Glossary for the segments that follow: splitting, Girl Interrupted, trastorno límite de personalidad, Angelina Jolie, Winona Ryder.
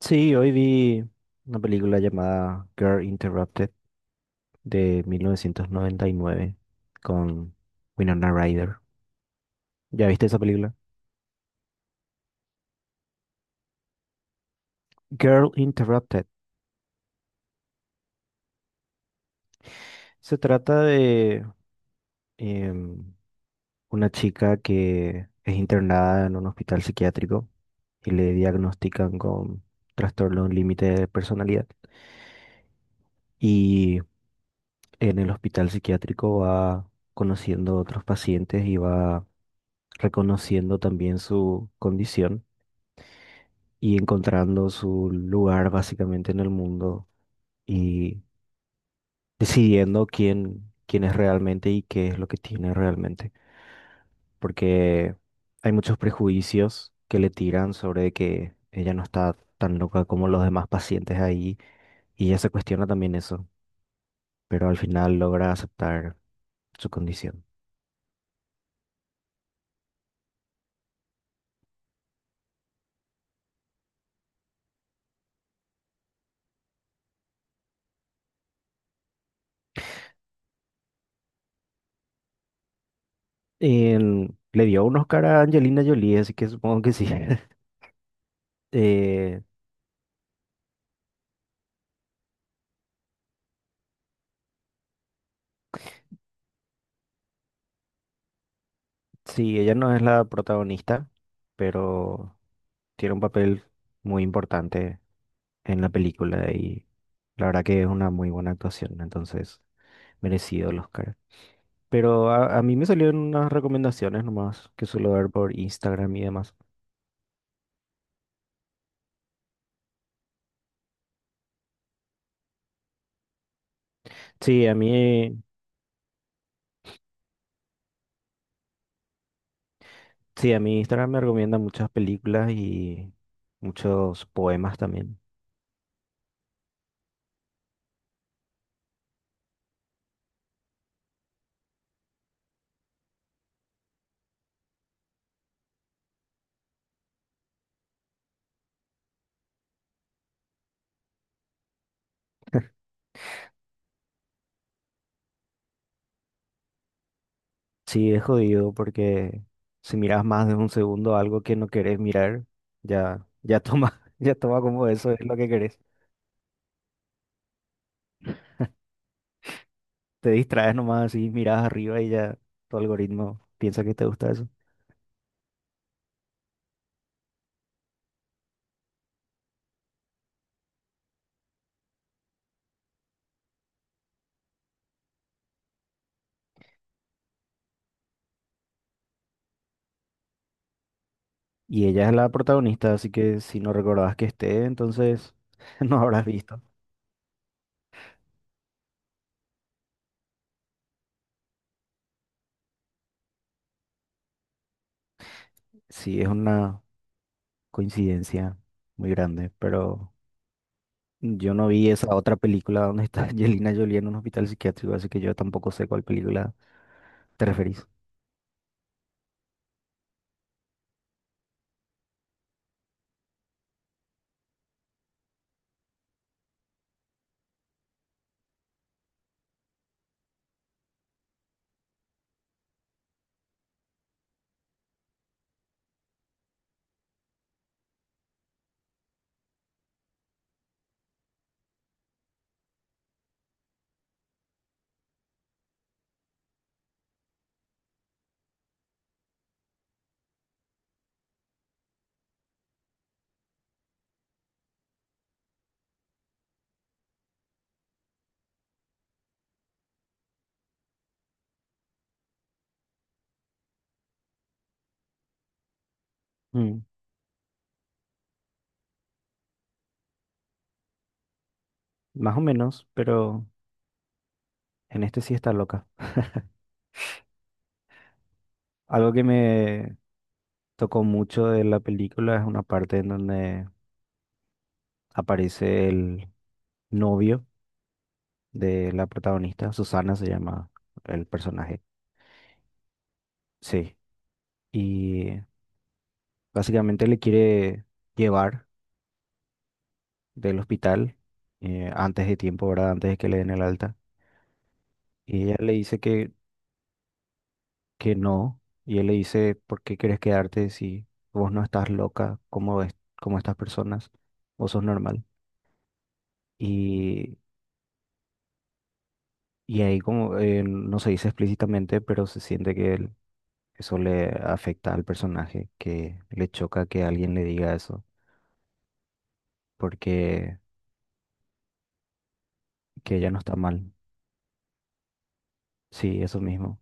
Sí, hoy vi una película llamada Girl Interrupted de 1999 con Winona Ryder. ¿Ya viste esa película? Girl Interrupted. Se trata de em, una chica que es internada en un hospital psiquiátrico y le diagnostican con trastorno límite de personalidad. Y en el hospital psiquiátrico va conociendo otros pacientes y va reconociendo también su condición y encontrando su lugar básicamente en el mundo y decidiendo quién es realmente y qué es lo que tiene realmente. Porque hay muchos prejuicios que le tiran sobre que ella no está tan loca como los demás pacientes ahí y ella se cuestiona también eso, pero al final logra aceptar su condición. Le dio un Oscar a Angelina Jolie, así que supongo que sí. Eh, sí, ella no es la protagonista, pero tiene un papel muy importante en la película y la verdad que es una muy buena actuación, entonces merecido el Oscar. Pero a mí me salieron unas recomendaciones nomás que suelo ver por Instagram y demás. Sí, a mí, sí, a mí Instagram me recomienda muchas películas y muchos poemas también. Sí, es jodido porque si miras más de un segundo algo que no querés mirar, ya toma, ya toma como eso es lo que querés. Te distraes nomás así, miras arriba y ya tu algoritmo piensa que te gusta eso. Y ella es la protagonista, así que si no recordabas que esté, entonces no habrás visto. Sí, es una coincidencia muy grande, pero yo no vi esa otra película donde está Angelina Jolie en un hospital psiquiátrico, así que yo tampoco sé cuál película te referís. Mm, Más o menos, pero en este sí está loca. Algo que me tocó mucho de la película es una parte en donde aparece el novio de la protagonista, Susana se llama el personaje, sí, y básicamente le quiere llevar del hospital antes de tiempo, ¿verdad? Antes de que le den el alta, y ella le dice que no, y él le dice, ¿por qué quieres quedarte si vos no estás loca como, es, como estas personas? Vos sos normal. Y, y ahí como no se dice explícitamente, pero se siente que eso le afecta al personaje, que le choca que alguien le diga eso porque que ella no está mal. Sí, eso mismo.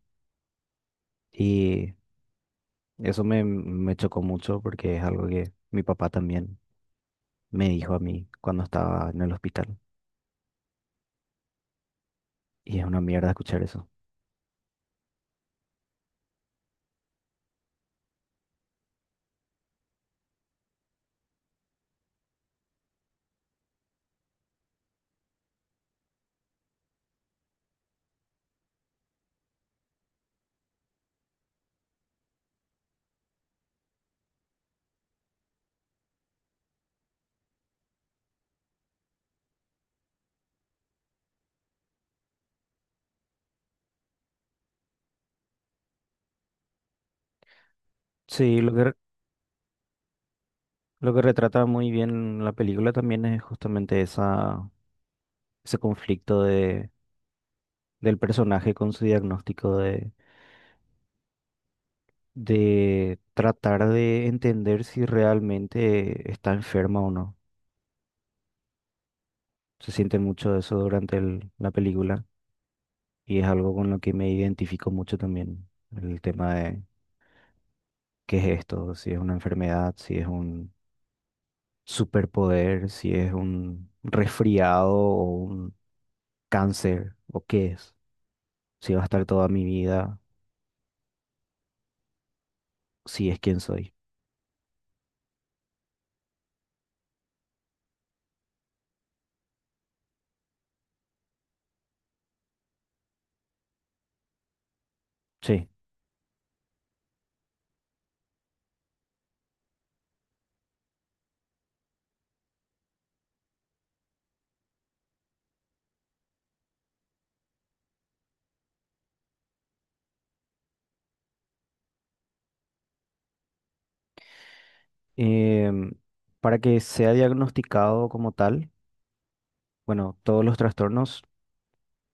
Y eso me chocó mucho porque es algo que mi papá también me dijo a mí cuando estaba en el hospital. Y es una mierda escuchar eso. Sí, lo que retrata muy bien la película también es justamente ese conflicto del personaje con su diagnóstico de tratar de entender si realmente está enferma o no. Se siente mucho eso durante la película. Y es algo con lo que me identifico mucho también, el tema de qué es esto, si es una enfermedad, si es un superpoder, si es un resfriado o un cáncer, o qué es, si va a estar toda mi vida, si es quien soy. Sí. Em, para que sea diagnosticado como tal, bueno, todos los trastornos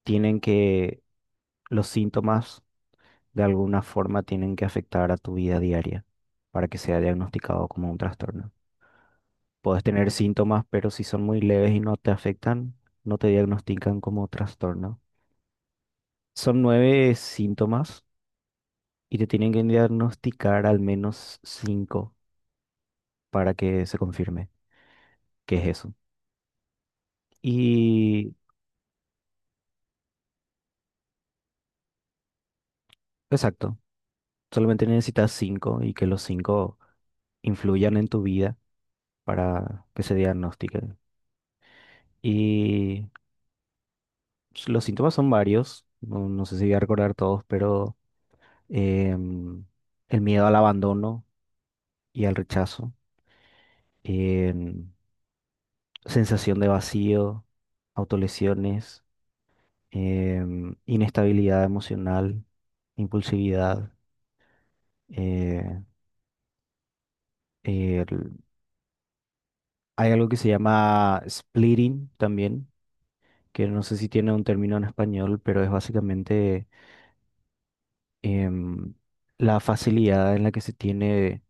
tienen que, los síntomas de alguna forma tienen que afectar a tu vida diaria para que sea diagnosticado como un trastorno. Puedes tener síntomas, pero si son muy leves y no te afectan, no te diagnostican como trastorno. Son nueve síntomas y te tienen que diagnosticar al menos cinco para que se confirme que es eso. Y exacto, solamente necesitas cinco y que los cinco influyan en tu vida para que se diagnostique. Y los síntomas son varios, no, no sé si voy a recordar todos, pero em, el miedo al abandono y al rechazo, em, sensación de vacío, autolesiones, inestabilidad emocional, impulsividad. eh, el- Hay algo que se llama splitting también, que no sé si tiene un término en español, pero es básicamente em, la facilidad en la que se tiene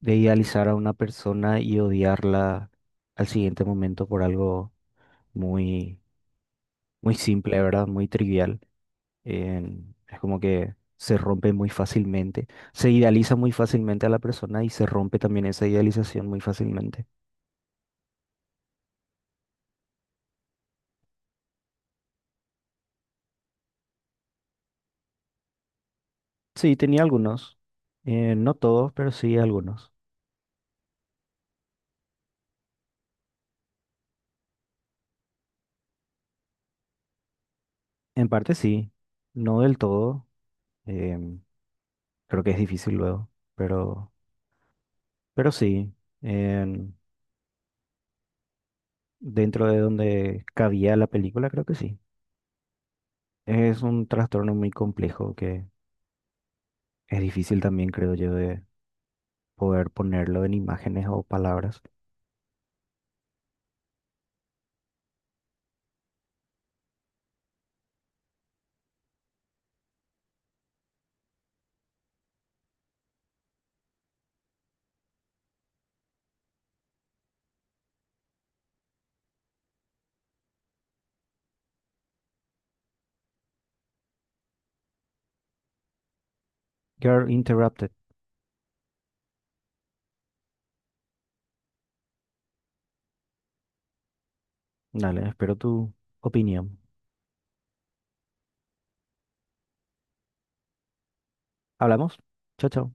de idealizar a una persona y odiarla al siguiente momento por algo muy, muy simple, ¿verdad? Muy trivial. Es como que se rompe muy fácilmente, se idealiza muy fácilmente a la persona y se rompe también esa idealización muy fácilmente. Sí, tenía algunos, no todos, pero sí algunos. En parte sí, no del todo, em, creo que es difícil luego, pero, pero sí, en- dentro de donde cabía la película, creo que sí. Es un trastorno muy complejo que es difícil también, creo yo, de poder ponerlo en imágenes o palabras. You're interrupted. Dale, espero tu opinión. Hablamos. Chao, chao.